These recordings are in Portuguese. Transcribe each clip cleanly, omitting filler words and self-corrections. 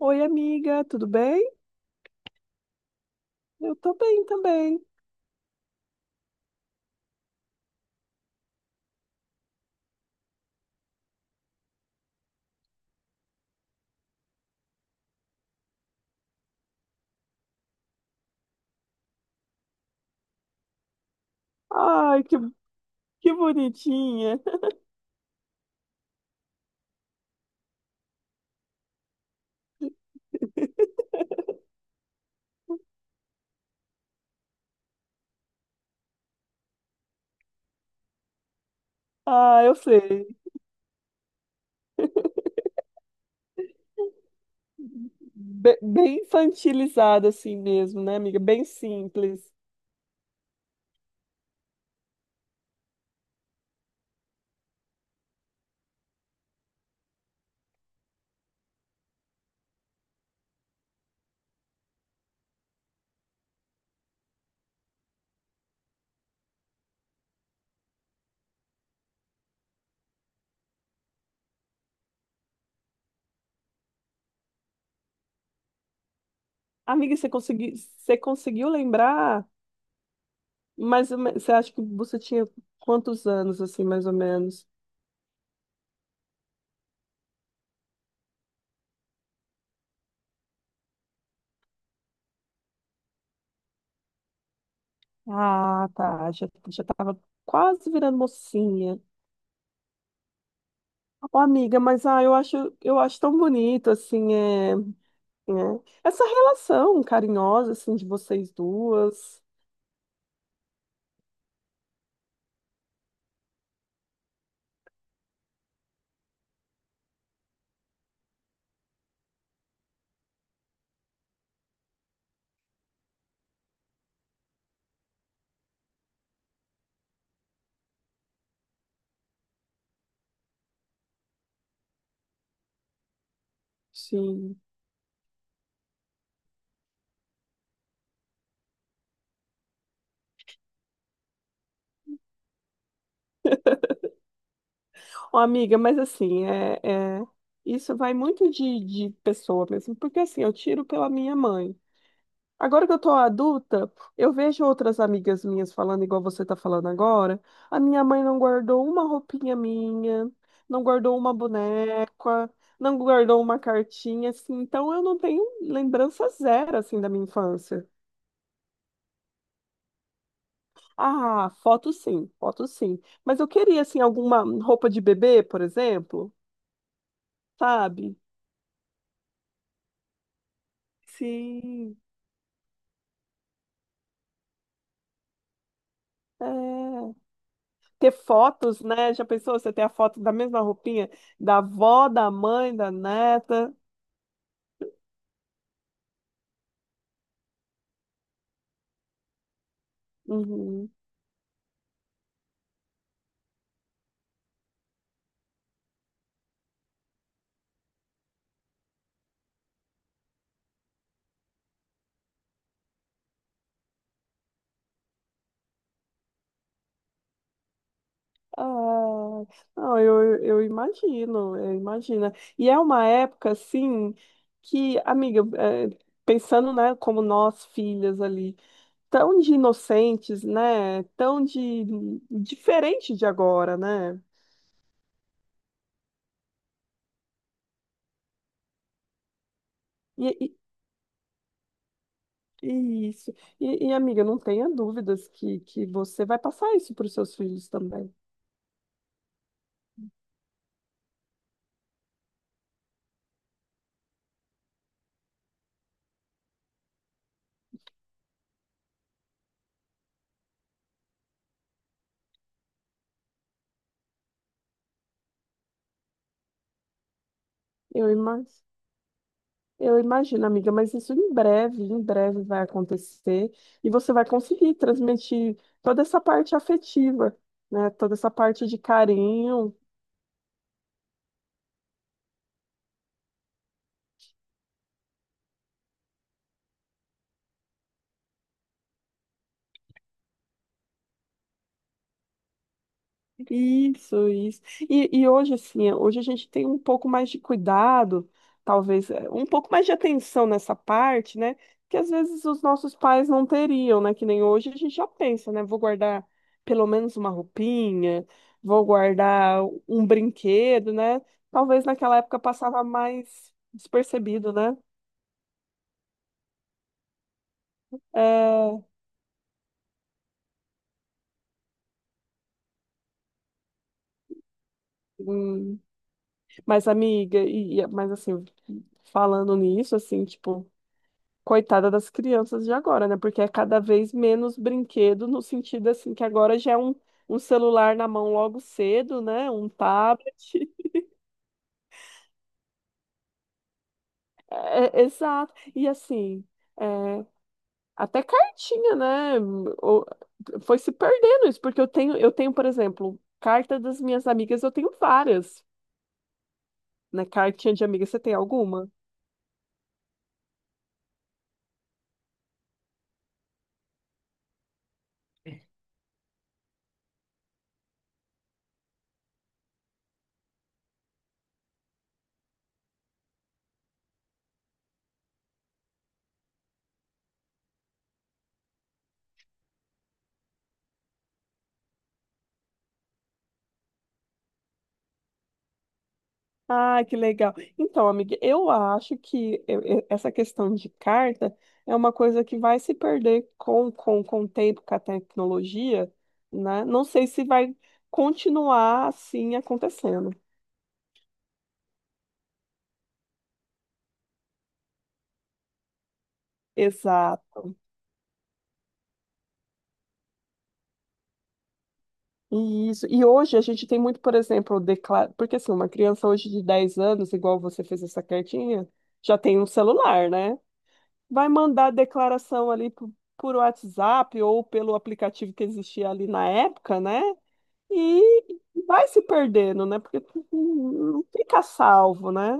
Oi, amiga, tudo bem? Eu tô bem também. Ai, que bonitinha. Ah, eu sei. Bem infantilizada assim mesmo, né, amiga? Bem simples. Amiga, você conseguiu lembrar? Mas você acha que você tinha quantos anos, assim, mais ou menos? Ah, tá. Já tava quase virando mocinha. Ô, amiga, eu eu acho tão bonito, assim, é. Né? Essa relação carinhosa, assim, de vocês duas. Sim. Ó, amiga, mas assim, isso vai muito de pessoa mesmo, porque assim, eu tiro pela minha mãe. Agora que eu tô adulta, eu vejo outras amigas minhas falando igual você tá falando agora. A minha mãe não guardou uma roupinha minha, não guardou uma boneca, não guardou uma cartinha, assim. Então eu não tenho lembrança zero, assim, da minha infância. Ah, foto sim, foto sim. Mas eu queria, assim, alguma roupa de bebê, por exemplo, sabe? Sim. É, ter fotos, né? Já pensou você ter a foto da mesma roupinha da avó, da mãe, da neta? Uhum. Ah, não, eu imagino, eu imagino. E é uma época, assim, que, amiga, é, pensando, né, como nós, filhas ali, tão de inocentes, né? Tão de diferente de agora, né? E, e- e isso. Amiga, não tenha dúvidas que você vai passar isso para os seus filhos também. Eu imagino. Eu imagino, amiga, mas isso em breve vai acontecer e você vai conseguir transmitir toda essa parte afetiva, né? Toda essa parte de carinho. Isso, isso. E hoje, assim, hoje a gente tem um pouco mais de cuidado, talvez, um pouco mais de atenção nessa parte, né? Que às vezes os nossos pais não teriam, né? Que nem hoje a gente já pensa, né? Vou guardar pelo menos uma roupinha, vou guardar um brinquedo, né? Talvez naquela época passava mais despercebido, né? É, hum, mas, amiga, mas assim, falando nisso, assim, tipo. Coitada das crianças de agora, né? Porque é cada vez menos brinquedo, no sentido assim, que agora já é um celular na mão logo cedo, né? Um tablet. Exato. E assim, é, até cartinha, né? O- Foi se perdendo isso, porque eu tenho, por exemplo, carta das minhas amigas, eu tenho várias, né? Cartinha de amiga, você tem alguma? Ah, que legal. Então, amiga, eu acho que essa questão de carta é uma coisa que vai se perder com o tempo, com a tecnologia, né? Não sei se vai continuar assim acontecendo. Exato. E isso. E hoje a gente tem muito, por exemplo, declara... porque assim, uma criança hoje de 10 anos, igual você fez essa cartinha, já tem um celular, né? Vai mandar declaração ali por WhatsApp ou pelo aplicativo que existia ali na época, né? E vai se perdendo, né? Porque tu não fica salvo, né?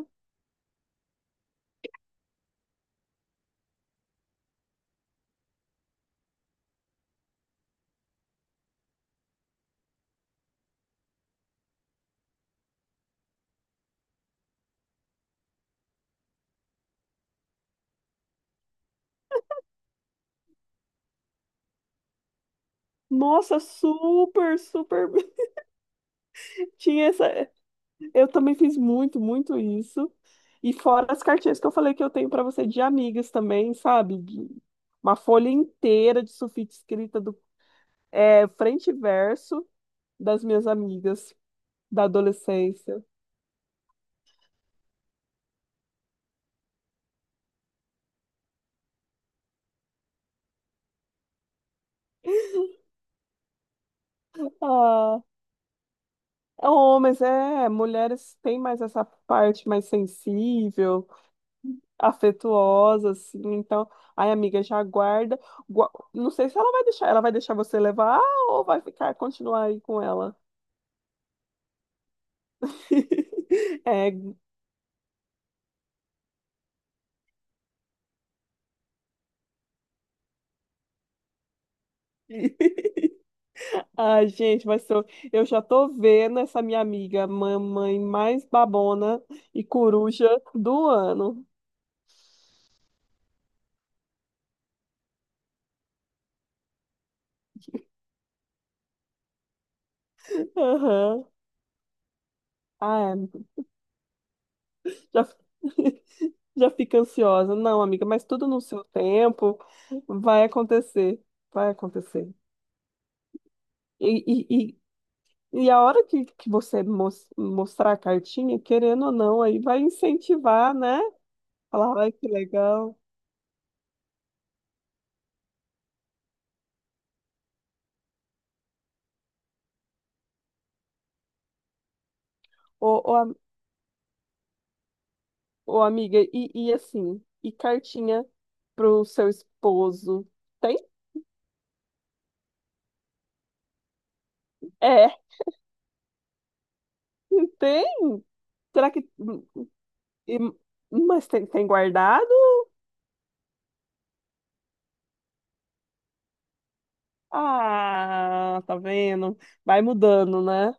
Nossa, super, super. Tinha essa. Eu também fiz muito, muito isso. E fora as cartinhas que eu falei que eu tenho para você de amigas também, sabe? De- Uma folha inteira de sulfite escrita do é, frente e verso das minhas amigas da adolescência. Ah, é homens, é, mulheres têm mais essa parte mais sensível, afetuosa, assim. Então, ai, amiga, já guarda. Gua- Não sei se ela vai deixar, ela vai deixar você levar ou vai ficar, continuar aí com ela. É. Ai, gente, eu já tô vendo essa minha amiga, mamãe mais babona e coruja do ano. Aham. Ah, já, já fica ansiosa. Não, amiga, mas tudo no seu tempo vai acontecer. Vai acontecer. E e, E a hora que você mostrar a cartinha, querendo ou não, aí vai incentivar, né? Falar, ai, que legal. Ô, ô, am- ô, amiga, e assim, e cartinha pro seu esposo? Tem? É, tem? Será que. e- mas tem, tem guardado? Ah, tá vendo? Vai mudando, né?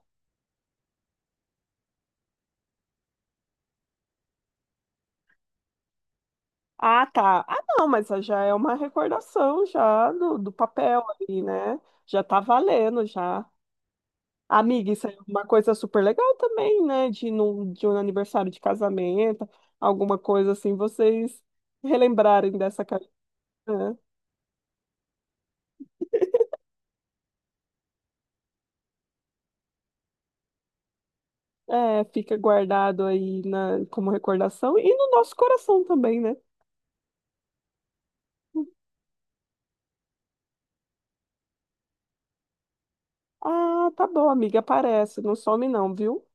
Ah, tá. Ah, não, mas já é uma recordação já do papel ali, né? Já tá valendo já. Amiga, isso é uma coisa super legal também, né? De, num, de um aniversário de casamento, alguma coisa assim, vocês relembrarem dessa carinha. É, fica guardado aí na, como recordação e no nosso coração também, né? Ah, tá bom, amiga, aparece, não some não, viu?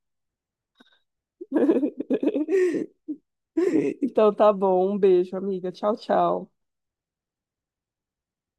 Então tá bom, um beijo, amiga. Tchau, tchau.